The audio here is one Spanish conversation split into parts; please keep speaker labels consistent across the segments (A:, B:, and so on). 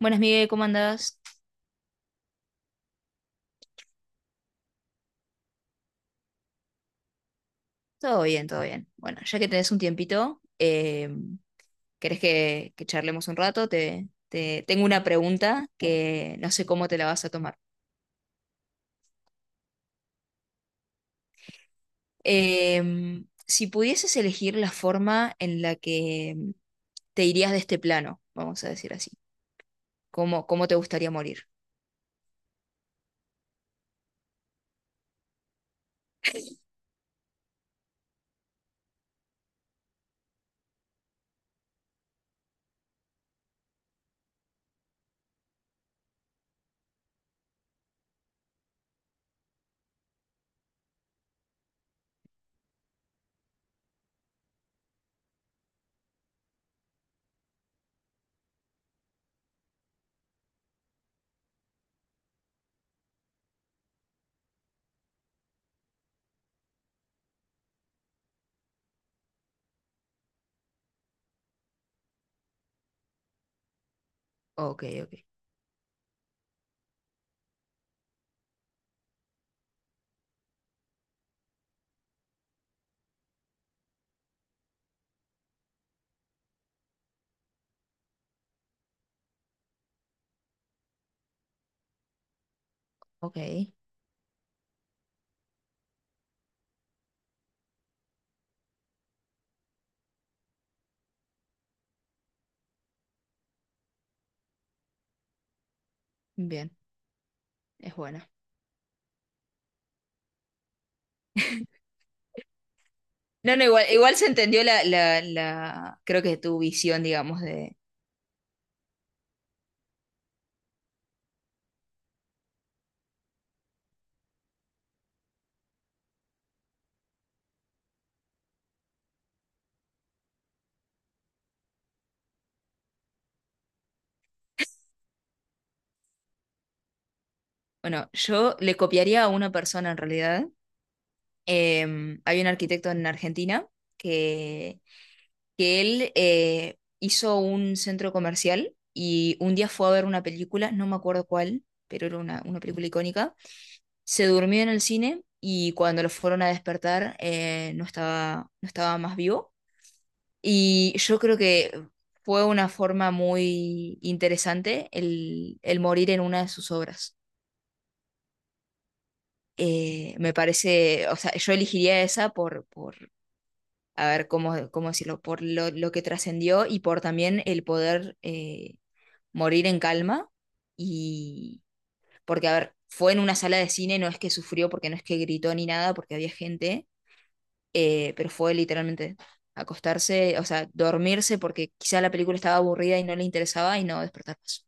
A: Buenas, Miguel, ¿cómo andás? Todo bien, todo bien. Bueno, ya que tenés un tiempito, ¿querés que charlemos un rato? Tengo una pregunta que no sé cómo te la vas a tomar. Si pudieses elegir la forma en la que te irías de este plano, vamos a decir así, ¿cómo, cómo te gustaría morir? Ok, ok, ok, bien, es buena. No, no, igual, igual se entendió la, creo que tu visión, digamos, de... Bueno, yo le copiaría a una persona en realidad. Hay un arquitecto en Argentina que, que él hizo un centro comercial y un día fue a ver una película, no me acuerdo cuál, pero era una película icónica. Se durmió en el cine y cuando lo fueron a despertar, no estaba, no estaba más vivo. Y yo creo que fue una forma muy interesante el morir en una de sus obras. Me parece, o sea, yo elegiría esa a ver cómo, cómo decirlo, por lo que trascendió y por también el poder morir en calma. Y porque, a ver, fue en una sala de cine, no es que sufrió, porque no es que gritó ni nada, porque había gente, pero fue literalmente acostarse, o sea, dormirse porque quizá la película estaba aburrida y no le interesaba y no despertar más.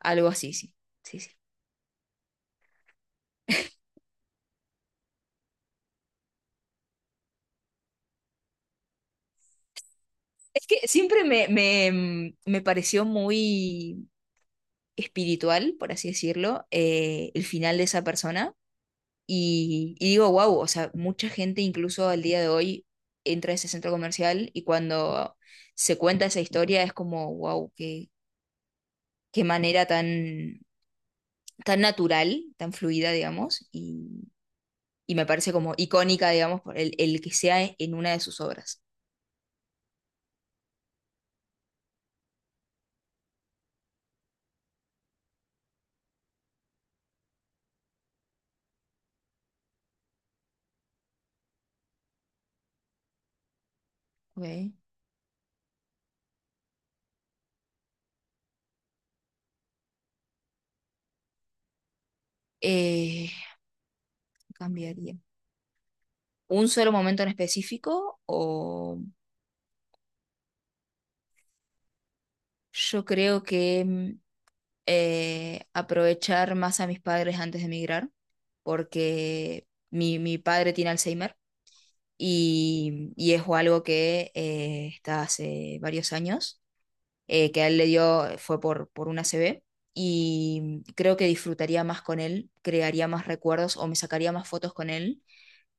A: Algo así, sí. Sí, sí. Es que siempre me pareció muy espiritual, por así decirlo, el final de esa persona. Y digo, wow, o sea, mucha gente incluso al día de hoy entra a ese centro comercial y cuando se cuenta esa historia es como, wow, qué, qué manera tan, tan natural, tan fluida, digamos, y me parece como icónica, digamos, por el que sea e, en una de sus obras. Ok. Eh, Cambiaría. ¿Un solo momento en específico? O yo creo que aprovechar más a mis padres antes de emigrar, porque mi padre tiene Alzheimer y es algo que está hace varios años, que a él le dio, fue por una CB, y creo que disfrutaría más con él, crearía más recuerdos o me sacaría más fotos con él,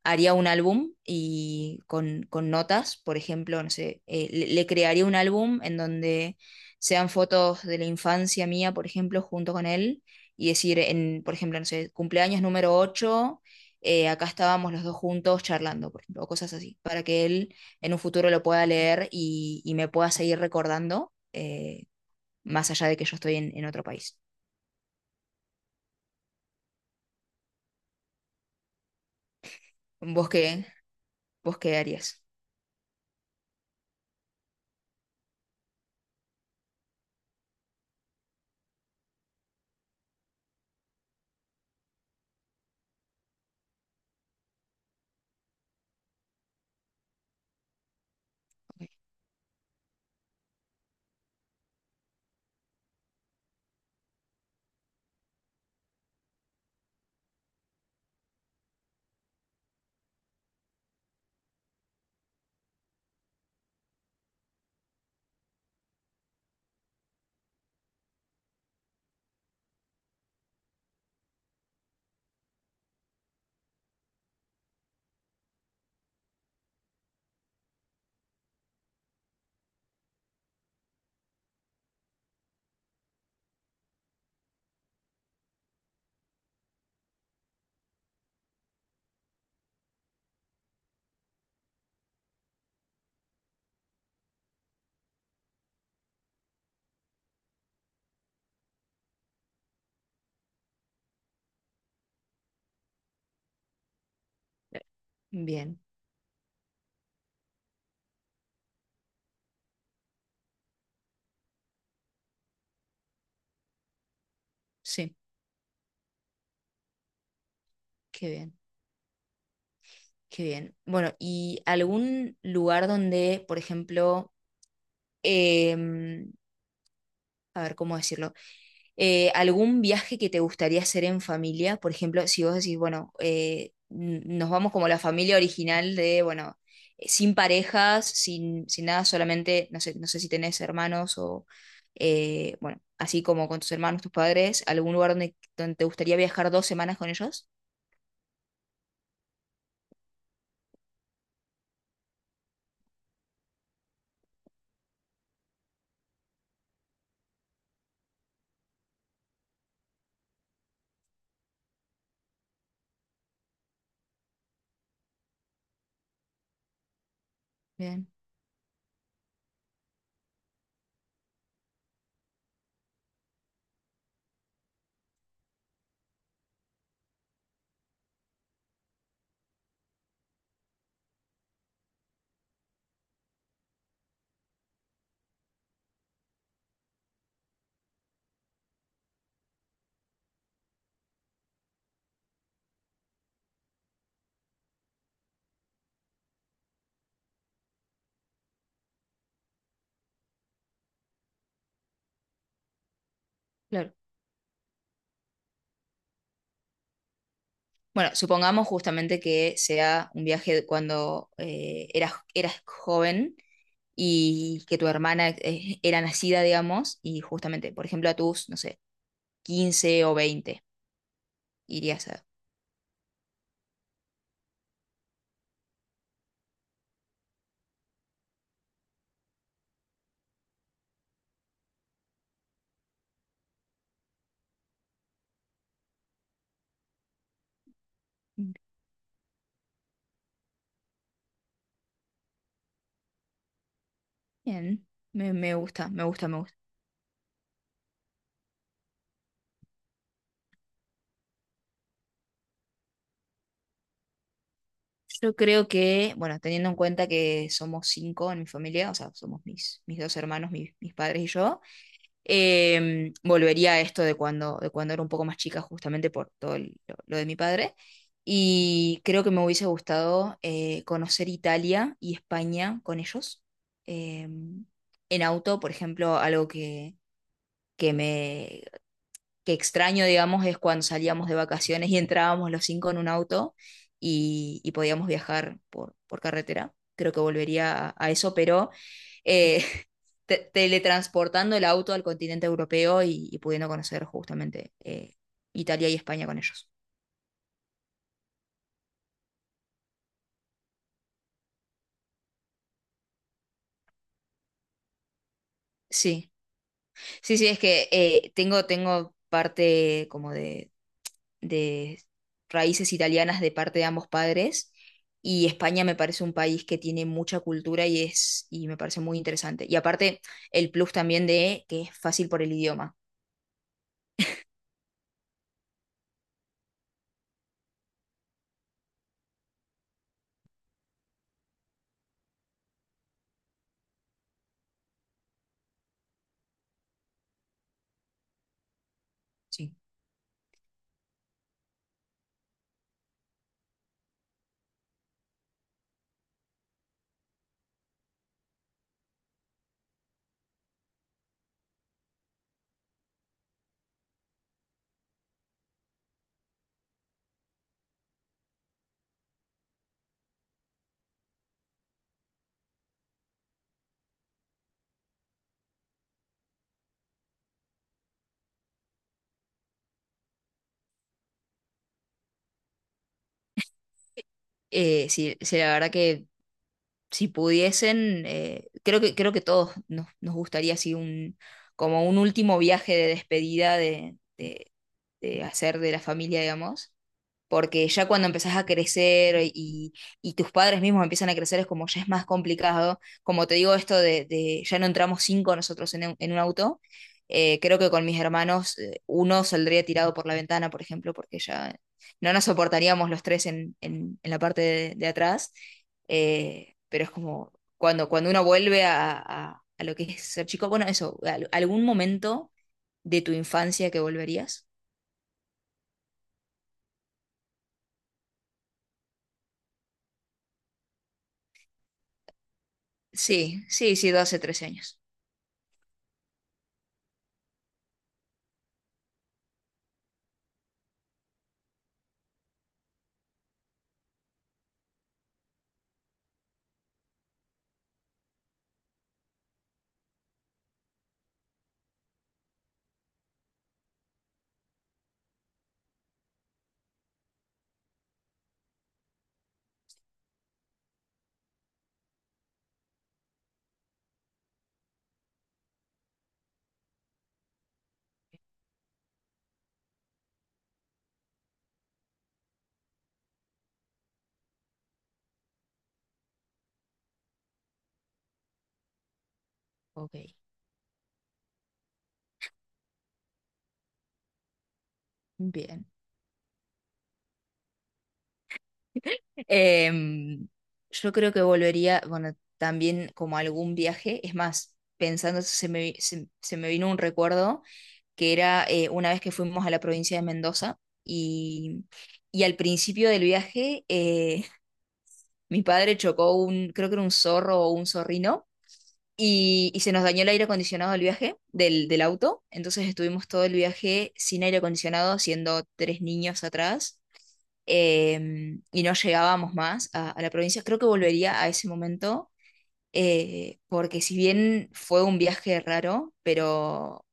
A: haría un álbum y con notas, por ejemplo, no sé, le crearía un álbum en donde sean fotos de la infancia mía, por ejemplo, junto con él, y decir, en, por ejemplo, no sé, cumpleaños número ocho, acá estábamos los dos juntos charlando, por ejemplo, o cosas así, para que él en un futuro lo pueda leer y me pueda seguir recordando, más allá de que yo estoy en otro país. ¿Vos qué, vos qué harías? Ok. Bien, sí, qué bien. Qué bien. Bueno, ¿y algún lugar donde, por ejemplo, em, a ver, ¿cómo decirlo? ¿Algún viaje que te gustaría hacer en familia? Por ejemplo, si vos decís, bueno, nos vamos como la familia original de, bueno, sin parejas, sin, sin nada, solamente, no sé, no sé si tenés hermanos o, bueno, así como con tus hermanos, tus padres, ¿algún lugar donde, donde te gustaría viajar dos semanas con ellos? Bien, claro. Bueno, supongamos justamente que sea un viaje cuando eras joven y que tu hermana era nacida, digamos, y justamente, por ejemplo, a tus, no sé, 15 o 20 irías a... Bien, me gusta, me gusta, me gusta. Yo creo que, bueno, teniendo en cuenta que somos cinco en mi familia, o sea, somos mis dos hermanos, mis padres y yo. Volvería a esto de cuando era un poco más chica, justamente por todo lo de mi padre. Y creo que me hubiese gustado conocer Italia y España con ellos. Em, en auto, por ejemplo, algo que me que extraño, digamos, es cuando salíamos de vacaciones y entrábamos los cinco en un auto y podíamos viajar por carretera. Creo que volvería a eso, pero eh, teletransportando el auto al continente europeo y pudiendo conocer justamente Italia y España con ellos. Sí, sí, sí, es que tengo parte como de raíces italianas de parte de ambos padres. Y España me parece un país que tiene mucha cultura y es, y me parece muy interesante. Y aparte, el plus también de que es fácil por el idioma. Sí. Sí, sí, la verdad que si pudiesen, creo que todos nos, nos gustaría así un, como un último viaje de despedida de hacer de la familia, digamos. Porque ya cuando empezás a crecer y tus padres mismos empiezan a crecer es como ya es más complicado. Como te digo esto de ya no entramos cinco nosotros en un auto, creo que con mis hermanos uno saldría tirado por la ventana, por ejemplo, porque ya no nos soportaríamos los tres en la parte de atrás, pero es como cuando, cuando uno vuelve a lo que es ser chico, bueno, eso, algún momento de tu infancia que volverías. Sí, sí, sí, 12, 13 años. Ok. Bien. Em, yo creo que volvería, bueno, también como algún viaje. Es más, pensando, eso, se me vino un recuerdo que era una vez que fuimos a la provincia de Mendoza y al principio del viaje mi padre chocó un, creo que era un zorro o un zorrino. Y se nos dañó el aire acondicionado del viaje, del auto. Entonces estuvimos todo el viaje sin aire acondicionado, siendo tres niños atrás. Y no llegábamos más a la provincia. Creo que volvería a ese momento, porque si bien fue un viaje raro, pero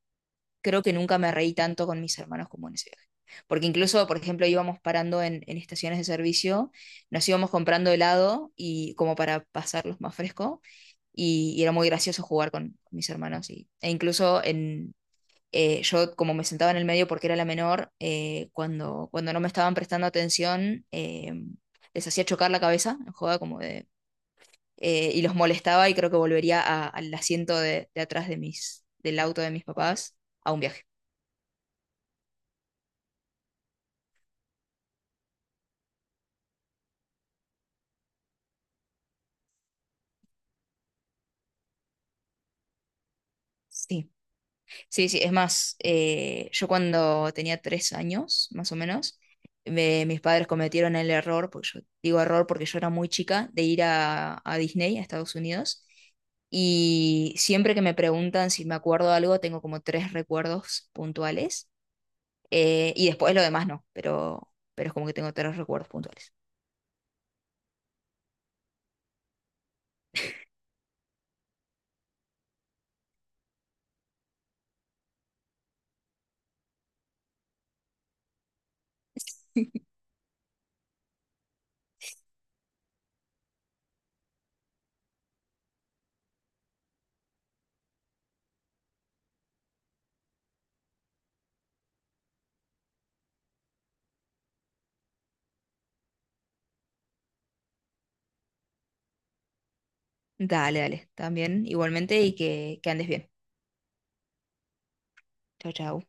A: creo que nunca me reí tanto con mis hermanos como en ese viaje. Porque incluso, por ejemplo, íbamos parando en estaciones de servicio, nos íbamos comprando helado y como para pasarlos más fresco, y era muy gracioso jugar con mis hermanos. E incluso en, yo como me sentaba en el medio porque era la menor, cuando, cuando no me estaban prestando atención, les hacía chocar la cabeza, en joda, como de, y los molestaba y creo que volvería al asiento de atrás de del auto de mis papás a un viaje. Sí. Sí, sí, es más, yo cuando tenía tres años, más o menos, mis padres cometieron el error, porque yo digo error porque yo era muy chica, de ir a Disney, a Estados Unidos, y siempre que me preguntan si me acuerdo de algo, tengo como tres recuerdos puntuales, y después lo demás no, pero es como que tengo tres recuerdos puntuales. Dale, dale, también igualmente y que andes bien. Chao, chao.